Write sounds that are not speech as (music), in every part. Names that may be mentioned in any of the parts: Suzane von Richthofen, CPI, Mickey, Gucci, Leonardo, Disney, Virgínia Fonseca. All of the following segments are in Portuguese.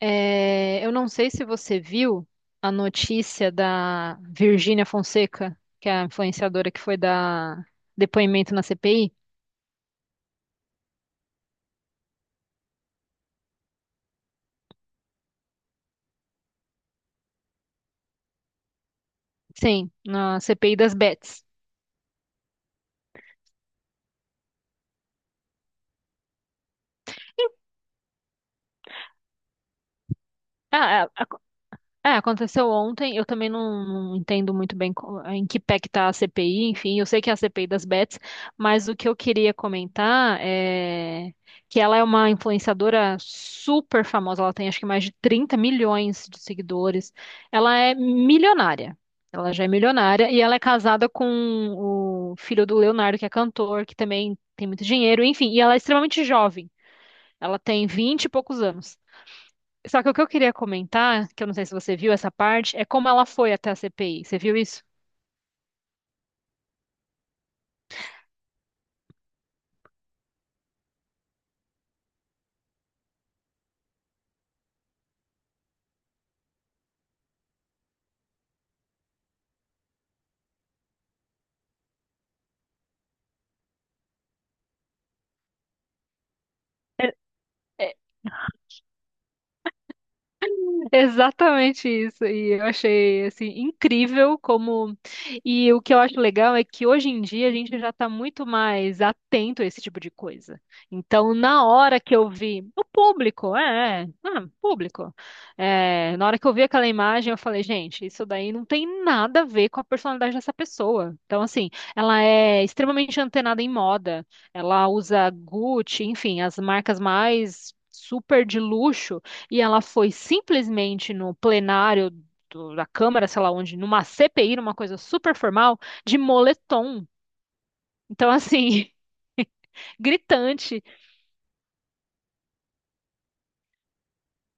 É, eu não sei se você viu a notícia da Virgínia Fonseca, que é a influenciadora que foi dar depoimento na CPI. Sim, na CPI das Bets. Ah, É, aconteceu ontem. Eu também não entendo muito bem em que pé que tá a CPI, enfim, eu sei que é a CPI das bets, mas o que eu queria comentar é que ela é uma influenciadora super famosa, ela tem acho que mais de 30 milhões de seguidores. Ela é milionária. Ela já é milionária e ela é casada com o filho do Leonardo, que é cantor, que também tem muito dinheiro, enfim, e ela é extremamente jovem. Ela tem 20 e poucos anos. Só que o que eu queria comentar, que eu não sei se você viu essa parte, é como ela foi até a CPI. Você viu isso? (laughs) Exatamente isso. E eu achei assim incrível como e o que eu acho legal é que hoje em dia a gente já está muito mais atento a esse tipo de coisa. Então, na hora que eu vi o público, público. É, na hora que eu vi aquela imagem, eu falei, gente, isso daí não tem nada a ver com a personalidade dessa pessoa. Então, assim, ela é extremamente antenada em moda. Ela usa Gucci, enfim, as marcas mais super de luxo e ela foi simplesmente no plenário da Câmara, sei lá onde, numa CPI, numa coisa super formal, de moletom. Então, assim, (laughs) gritante.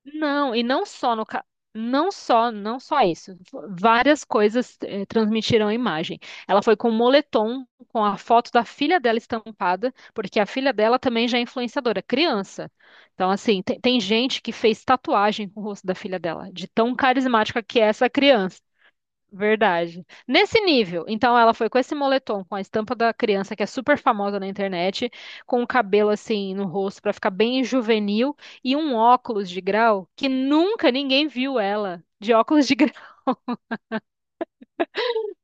Não, e não só no não só isso. Várias coisas transmitiram a imagem. Ela foi com moletom, com a foto da filha dela estampada, porque a filha dela também já é influenciadora, criança. Então, assim, tem gente que fez tatuagem com o rosto da filha dela, de tão carismática que é essa criança. Verdade. Nesse nível, então ela foi com esse moletom, com a estampa da criança que é super famosa na internet, com o cabelo assim no rosto pra ficar bem juvenil e um óculos de grau que nunca ninguém viu ela de óculos de grau. (laughs)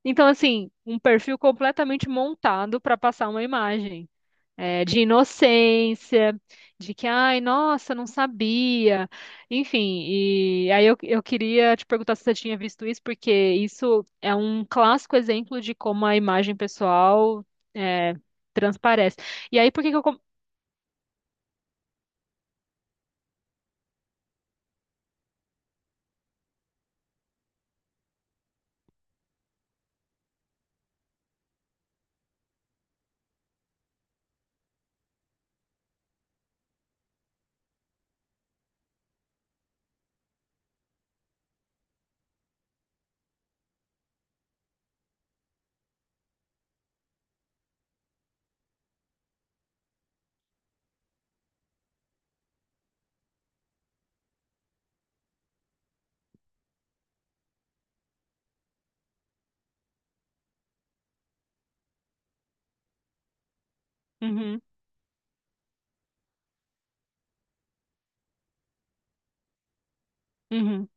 Então assim, um perfil completamente montado pra passar uma imagem de inocência, de que, ai, nossa, não sabia. Enfim, e aí eu queria te perguntar se você tinha visto isso, porque isso é um clássico exemplo de como a imagem pessoal é, transparece. E aí, por que que Uhum, uhum,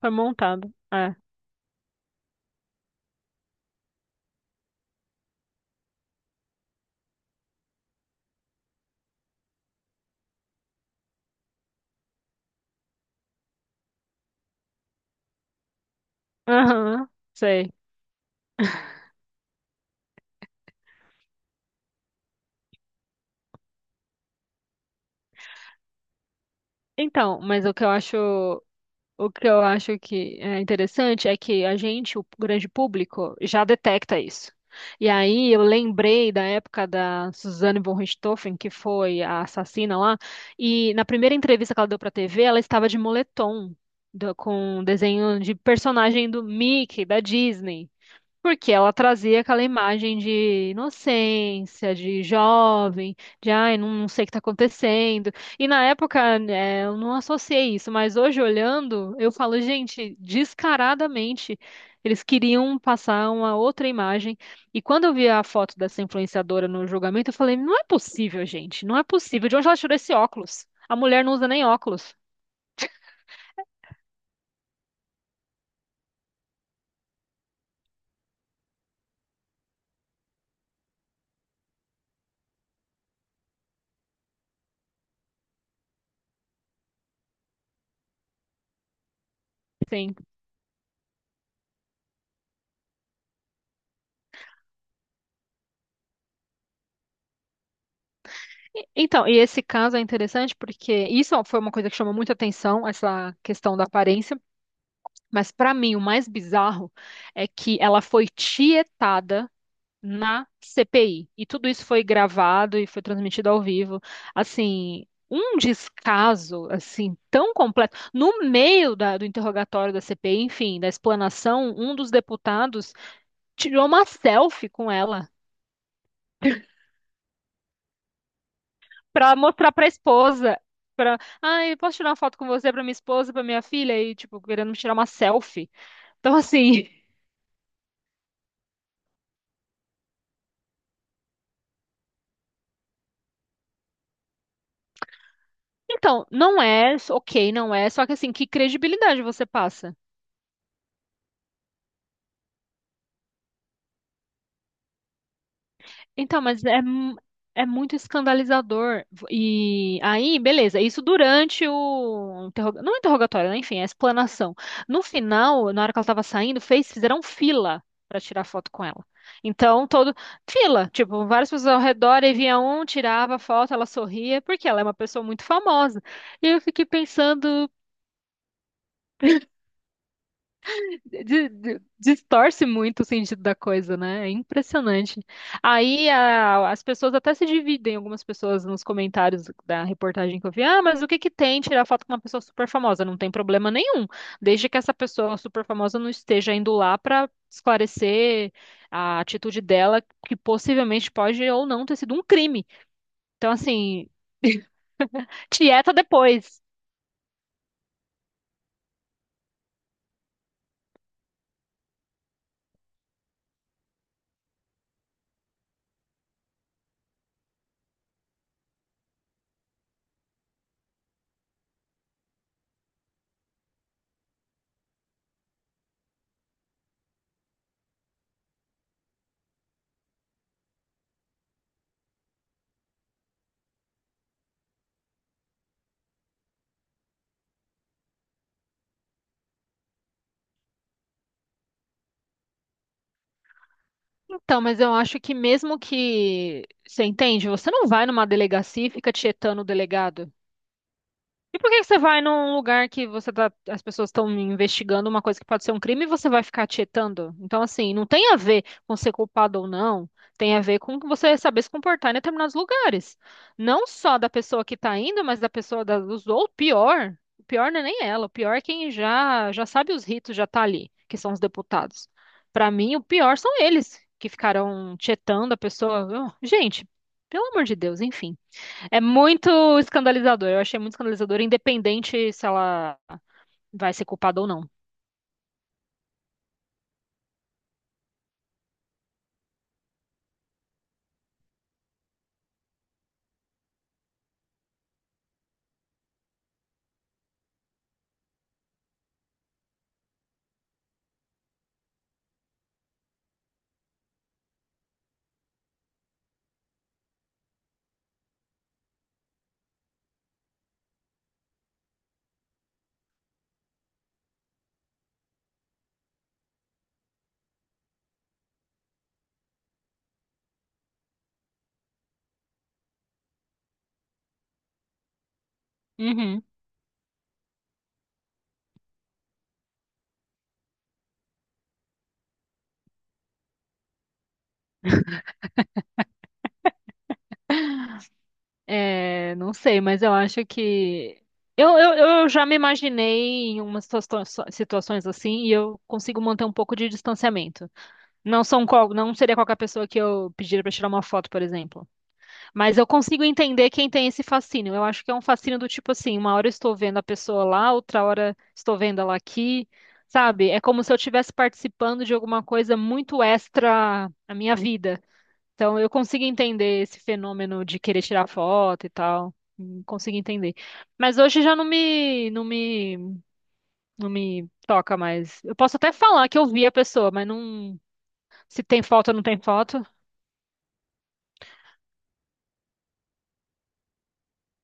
foi montado. É. Aham, sei. Então, mas o que eu acho. O que eu acho que é interessante é que a gente, o grande público, já detecta isso. E aí eu lembrei da época da Suzane von Richthofen, que foi a assassina lá, e na primeira entrevista que ela deu para a TV, ela estava de moletom, com um desenho de personagem do Mickey, da Disney. Porque ela trazia aquela imagem de inocência, de jovem, de ai, não, não sei o que tá acontecendo. E na época, né, eu não associei isso, mas hoje olhando, eu falo, gente, descaradamente, eles queriam passar uma outra imagem. E quando eu vi a foto dessa influenciadora no julgamento, eu falei, não é possível, gente, não é possível. De onde ela tirou esse óculos? A mulher não usa nem óculos. Sim. Então, e esse caso é interessante porque isso foi uma coisa que chamou muita atenção, essa questão da aparência, mas para mim o mais bizarro é que ela foi tietada na CPI e tudo isso foi gravado e foi transmitido ao vivo. Assim, um descaso assim tão completo. No meio do interrogatório da CPI, enfim, da explanação, um dos deputados tirou uma selfie com ela. Pra mostrar pra esposa. Pra, ai, posso tirar uma foto com você pra minha esposa, pra minha filha? E, tipo, querendo me tirar uma selfie. Então, assim. (laughs) Então, não é, ok, não é, só que assim, que credibilidade você passa? Então, mas é, é muito escandalizador. E aí, beleza, isso durante o não interrogatório, né? Enfim, a explanação. No final, na hora que ela estava saindo, fizeram fila para tirar foto com ela. Então, todo fila, tipo, várias pessoas ao redor, e vinha um, tirava foto, ela sorria, porque ela é uma pessoa muito famosa. E eu fiquei pensando, distorce muito o sentido da coisa, né? É impressionante. Aí as pessoas até se dividem, algumas pessoas nos comentários da reportagem que eu vi, ah, mas o que que tem tirar foto com uma pessoa super famosa? Não tem problema nenhum, desde que essa pessoa super famosa não esteja indo lá para esclarecer a atitude dela, que possivelmente pode ou não ter sido um crime. Então, assim, tieta depois. Então, mas eu acho que mesmo que você entende, você não vai numa delegacia e fica tietando o delegado. E por que que você vai num lugar que você tá, as pessoas estão investigando uma coisa que pode ser um crime e você vai ficar tietando? Então, assim, não tem a ver com ser culpado ou não, tem a ver com você saber se comportar em determinados lugares. Não só da pessoa que tá indo, mas da pessoa da, dos, ou pior, o pior não é nem ela, o pior é quem já sabe os ritos, já tá ali, que são os deputados. Para mim, o pior são eles que ficaram tietando a pessoa. Oh, gente, pelo amor de Deus, enfim. É muito escandalizador. Eu achei muito escandalizador, independente se ela vai ser culpada ou não. Uhum. É, não sei, mas eu acho que. Eu, eu, eu já me imaginei em umas situações assim e eu consigo manter um pouco de distanciamento. Não seria qualquer pessoa que eu pediria pra tirar uma foto, por exemplo. Mas eu consigo entender quem tem esse fascínio. Eu acho que é um fascínio do tipo assim, uma hora eu estou vendo a pessoa lá, outra hora estou vendo ela aqui, sabe? É como se eu estivesse participando de alguma coisa muito extra na minha vida. Então eu consigo entender esse fenômeno de querer tirar foto e tal. Consigo entender. Mas hoje já não me toca mais. Eu posso até falar que eu vi a pessoa, mas não, se tem foto ou não tem foto.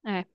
É.